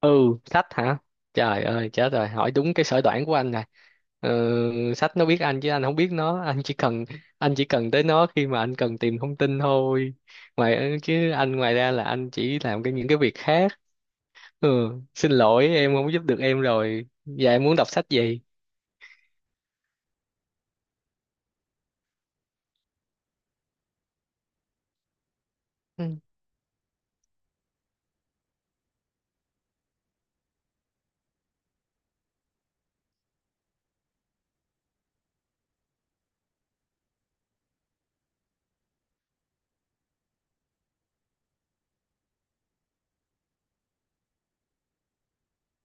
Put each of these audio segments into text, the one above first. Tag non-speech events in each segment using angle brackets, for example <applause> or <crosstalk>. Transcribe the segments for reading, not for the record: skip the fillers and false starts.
Ừ, sách hả? Trời ơi chết rồi, hỏi đúng cái sở đoản của anh này. Ừ, sách nó biết anh chứ anh không biết nó. <laughs> Anh chỉ cần tới nó khi mà anh cần tìm thông tin thôi. Ngoài chứ anh ngoài ra là anh chỉ làm cái những cái việc khác. Ừ, xin lỗi em không giúp được em rồi. Và em muốn đọc sách gì? Ừ.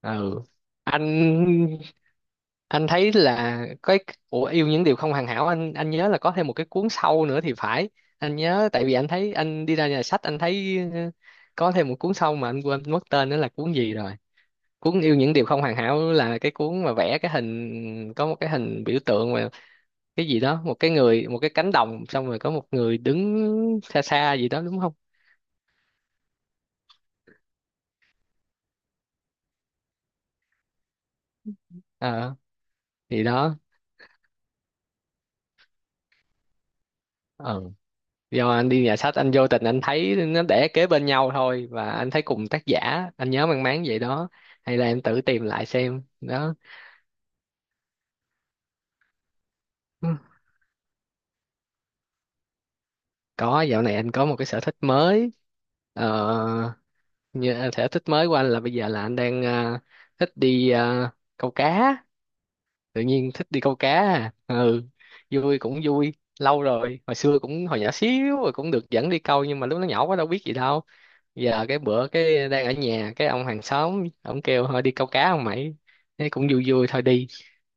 Ừ. anh anh thấy là cái của yêu những điều không hoàn hảo, anh nhớ là có thêm một cái cuốn sau nữa thì phải. Anh nhớ tại vì anh thấy anh đi ra nhà sách, anh thấy có thêm một cuốn sau mà anh quên mất tên nữa là cuốn gì rồi. Cuốn yêu những điều không hoàn hảo là cái cuốn mà vẽ cái hình, có một cái hình biểu tượng mà cái gì đó, một cái người, một cái cánh đồng, xong rồi có một người đứng xa xa gì đó, đúng không? Ờ, thì đó. Ờ. Do anh đi nhà sách anh vô tình anh thấy nó để kế bên nhau thôi, và anh thấy cùng tác giả. Anh nhớ mang máng vậy đó, hay là em tự tìm lại xem đó. Ừ. Có, dạo này anh có một cái sở thích mới. ờ, Như sở thích mới của anh là bây giờ là anh đang thích đi câu cá. Tự nhiên thích đi câu cá à. Ừ, vui cũng vui. Lâu rồi, hồi xưa cũng hồi nhỏ xíu rồi cũng được dẫn đi câu, nhưng mà lúc nó nhỏ quá đâu biết gì đâu. Giờ cái bữa cái đang ở nhà, cái ông hàng xóm ông kêu thôi đi câu cá không mày. Thế cũng vui, vui thôi đi.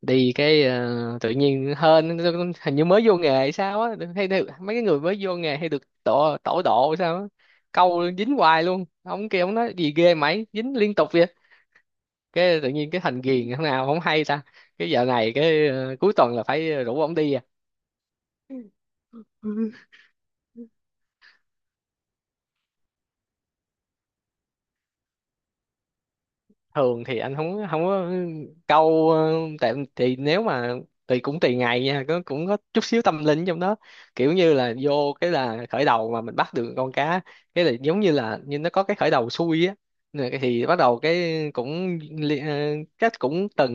Đi cái tự nhiên hên, hình như mới vô nghề hay sao á, hay được mấy cái người mới vô nghề hay được tổ tổ độ sao á, câu dính hoài luôn. Ông kia ông nói gì ghê mày dính liên tục vậy. Cái tự nhiên cái thành ghiền thế nào không hay ta. Cái giờ này cái cuối tuần là phải rủ ông đi à. Thường thì anh không, không có. Câu tại thì nếu mà tùy, cũng tùy ngày nha. Có, cũng có chút xíu tâm linh trong đó. Kiểu như là vô cái là khởi đầu mà mình bắt được con cá, cái là giống như là như nó có cái khởi đầu xui á. Rồi cái thì bắt đầu cái cũng cách cũng từng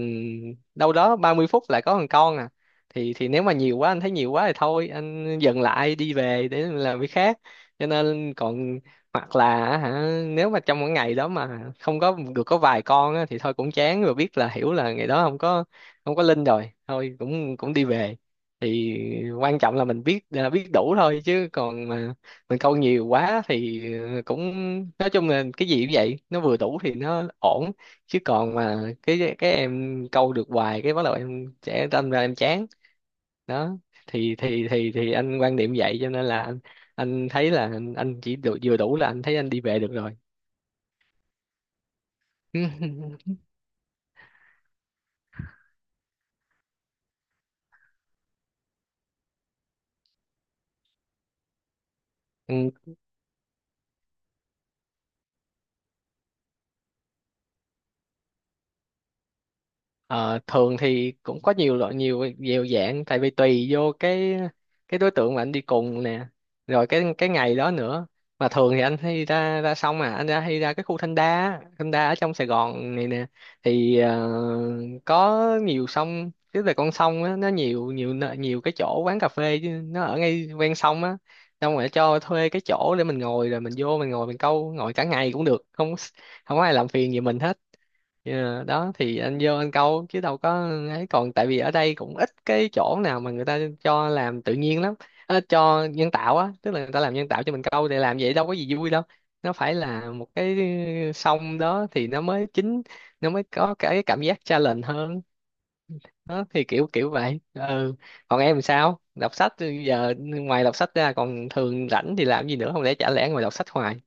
đâu đó 30 phút lại có thằng con à. Thì nếu mà nhiều quá, anh thấy nhiều quá thì thôi anh dừng lại đi về để làm việc khác. Cho nên còn hoặc là hả, nếu mà trong một ngày đó mà không có được có vài con á, thì thôi cũng chán rồi, biết là, hiểu là ngày đó không có, không có linh rồi, thôi cũng cũng đi về. Thì quan trọng là mình biết là biết đủ thôi. Chứ còn mà mình câu nhiều quá thì cũng, nói chung là cái gì cũng vậy, nó vừa đủ thì nó ổn. Chứ còn mà cái em câu được hoài cái bắt đầu em sẽ đâm ra em chán. Đó, thì anh quan điểm vậy cho nên là anh thấy là anh chỉ đủ, vừa đủ là anh thấy anh đi về được rồi. <laughs> Ừ. Ờ, thường thì cũng có nhiều loại, nhiều nhiều dạng, tại vì tùy vô cái đối tượng mà anh đi cùng nè, rồi cái ngày đó nữa. Mà thường thì anh hay ra ra xong à, anh ra hay ra cái khu Thanh Đa á, Thanh Đa ở trong Sài Gòn này nè. Thì có nhiều sông, tức là con sông á, nó nhiều, nhiều cái chỗ quán cà phê chứ, nó ở ngay ven sông á. Xong rồi cho thuê cái chỗ để mình ngồi, rồi mình vô mình ngồi mình câu, ngồi cả ngày cũng được, không không có ai làm phiền gì mình hết. Ờ, đó thì anh vô anh câu chứ đâu có ấy, còn tại vì ở đây cũng ít cái chỗ nào mà người ta cho làm tự nhiên lắm. Ờ, cho nhân tạo á, tức là người ta làm nhân tạo cho mình câu để làm vậy đâu có gì vui đâu. Nó phải là một cái sông đó thì nó mới chính, nó mới có cái cảm giác challenge hơn. Đó thì kiểu kiểu vậy. Ừ, còn em sao, đọc sách. Giờ ngoài đọc sách ra còn thường rảnh thì làm gì nữa, không lẽ chả lẽ ngồi đọc sách hoài.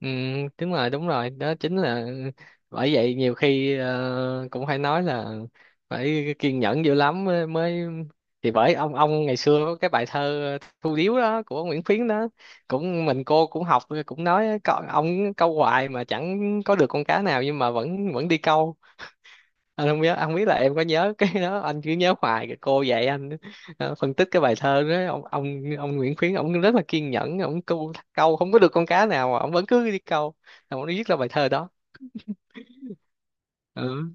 Ừ, đúng rồi, đúng rồi, đó chính là, bởi vậy nhiều khi cũng phải nói là phải kiên nhẫn dữ lắm mới, mới, thì bởi ông ngày xưa có cái bài thơ Thu Điếu đó, của Nguyễn Khuyến đó, cũng mình cô cũng học cũng nói, "Có- ông câu hoài mà chẳng có được con cá nào nhưng mà vẫn vẫn đi câu." Anh không nhớ, anh không biết là em có nhớ cái đó, anh cứ nhớ hoài cái cô dạy anh phân tích cái bài thơ đó. Ông Nguyễn Khuyến ông rất là kiên nhẫn, ông câu câu không có được con cá nào mà ông vẫn cứ đi câu. Rồi ông viết ra bài thơ đó. Ừ.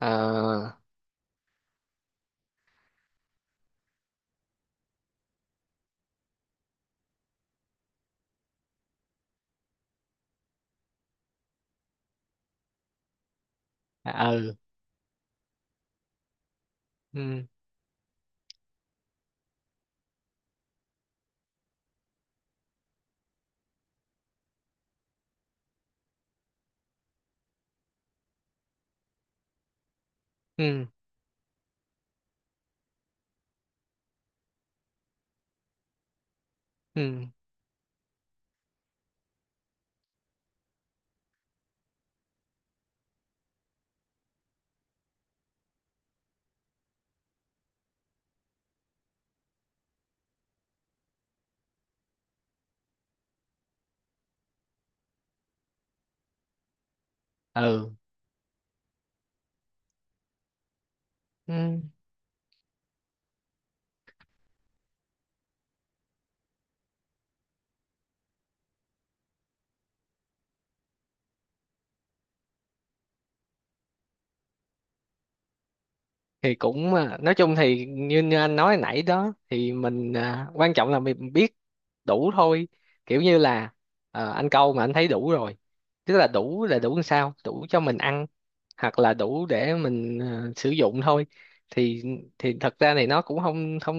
Ờ. À, ừ. Ừ. Ừ. Ừ. Ừ. Ừ. Thì cũng à, nói chung thì như, như anh nói nãy đó, thì mình à, quan trọng là mình biết đủ thôi. Kiểu như là anh câu mà anh thấy đủ rồi, tức là đủ, là đủ làm sao đủ cho mình ăn hoặc là đủ để mình sử dụng thôi. thì thì thật ra này nó cũng không, không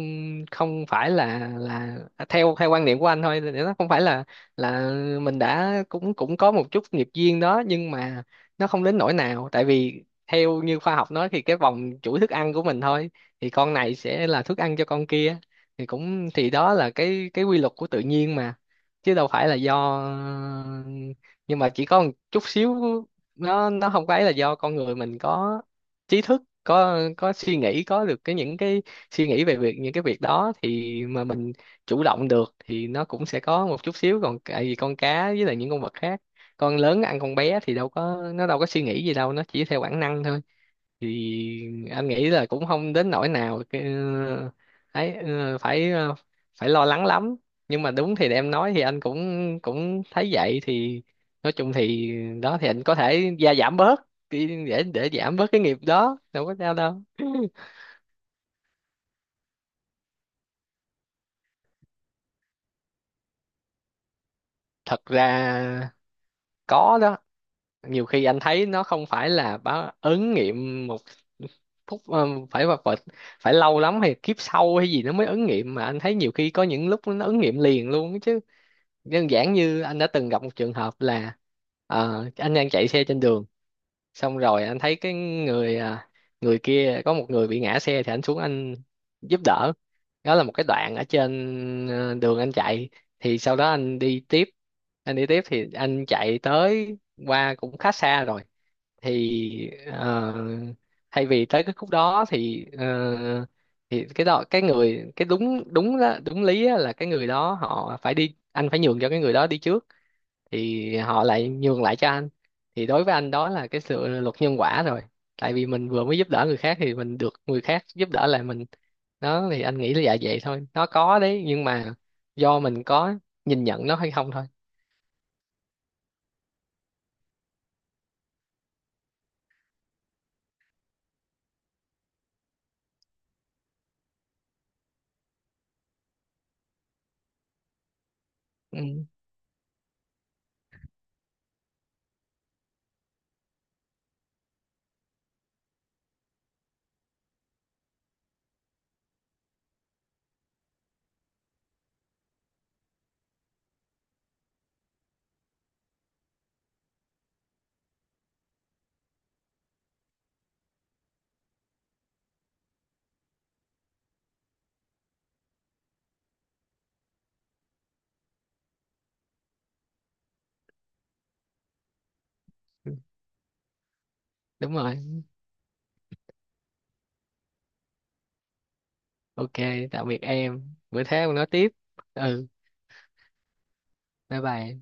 không phải là, theo theo quan niệm của anh thôi thì nó không phải là, mình đã cũng cũng có một chút nghiệp duyên đó, nhưng mà nó không đến nỗi nào. Tại vì theo như khoa học nói thì cái vòng chuỗi thức ăn của mình thôi, thì con này sẽ là thức ăn cho con kia, thì cũng, thì đó là cái quy luật của tự nhiên mà, chứ đâu phải là do. Nhưng mà chỉ có một chút xíu, nó không có ấy, là do con người mình có trí thức, có suy nghĩ, có được cái những cái suy nghĩ về việc những cái việc đó, thì mà mình chủ động được thì nó cũng sẽ có một chút xíu. Còn tại vì con cá với lại những con vật khác, con lớn ăn con bé, thì đâu có, nó đâu có suy nghĩ gì đâu, nó chỉ theo bản năng thôi. Thì anh nghĩ là cũng không đến nỗi nào cái ấy phải phải lo lắng lắm. Nhưng mà đúng thì em nói thì anh cũng cũng thấy vậy. Thì nói chung thì đó, thì anh có thể gia giảm bớt đi để giảm bớt cái nghiệp đó, đâu có sao đâu. <laughs> Thật ra có đó. Nhiều khi anh thấy nó không phải là báo ứng nghiệm một phút, phải vật vật phải lâu lắm hay kiếp sau hay gì nó mới ứng nghiệm, mà anh thấy nhiều khi có những lúc nó ứng nghiệm liền luôn chứ. Đơn giản như anh đã từng gặp một trường hợp là anh đang chạy xe trên đường, xong rồi anh thấy cái người người kia, có một người bị ngã xe, thì anh xuống anh giúp đỡ. Đó là một cái đoạn ở trên đường anh chạy. Thì sau đó anh đi tiếp, anh đi tiếp thì anh chạy tới qua cũng khá xa rồi. Thì thay vì tới cái khúc đó thì thì cái đó cái người cái đúng đúng đó, đúng lý á là cái người đó họ phải đi, anh phải nhường cho cái người đó đi trước, thì họ lại nhường lại cho anh. Thì đối với anh đó là cái sự luật nhân quả rồi. Tại vì mình vừa mới giúp đỡ người khác thì mình được người khác giúp đỡ lại mình. Đó, thì anh nghĩ là dạ vậy thôi, nó có đấy, nhưng mà do mình có nhìn nhận nó hay không thôi. Ừ, đúng rồi. OK, tạm biệt em, bữa khác mình nói tiếp. Ừ, bye bye.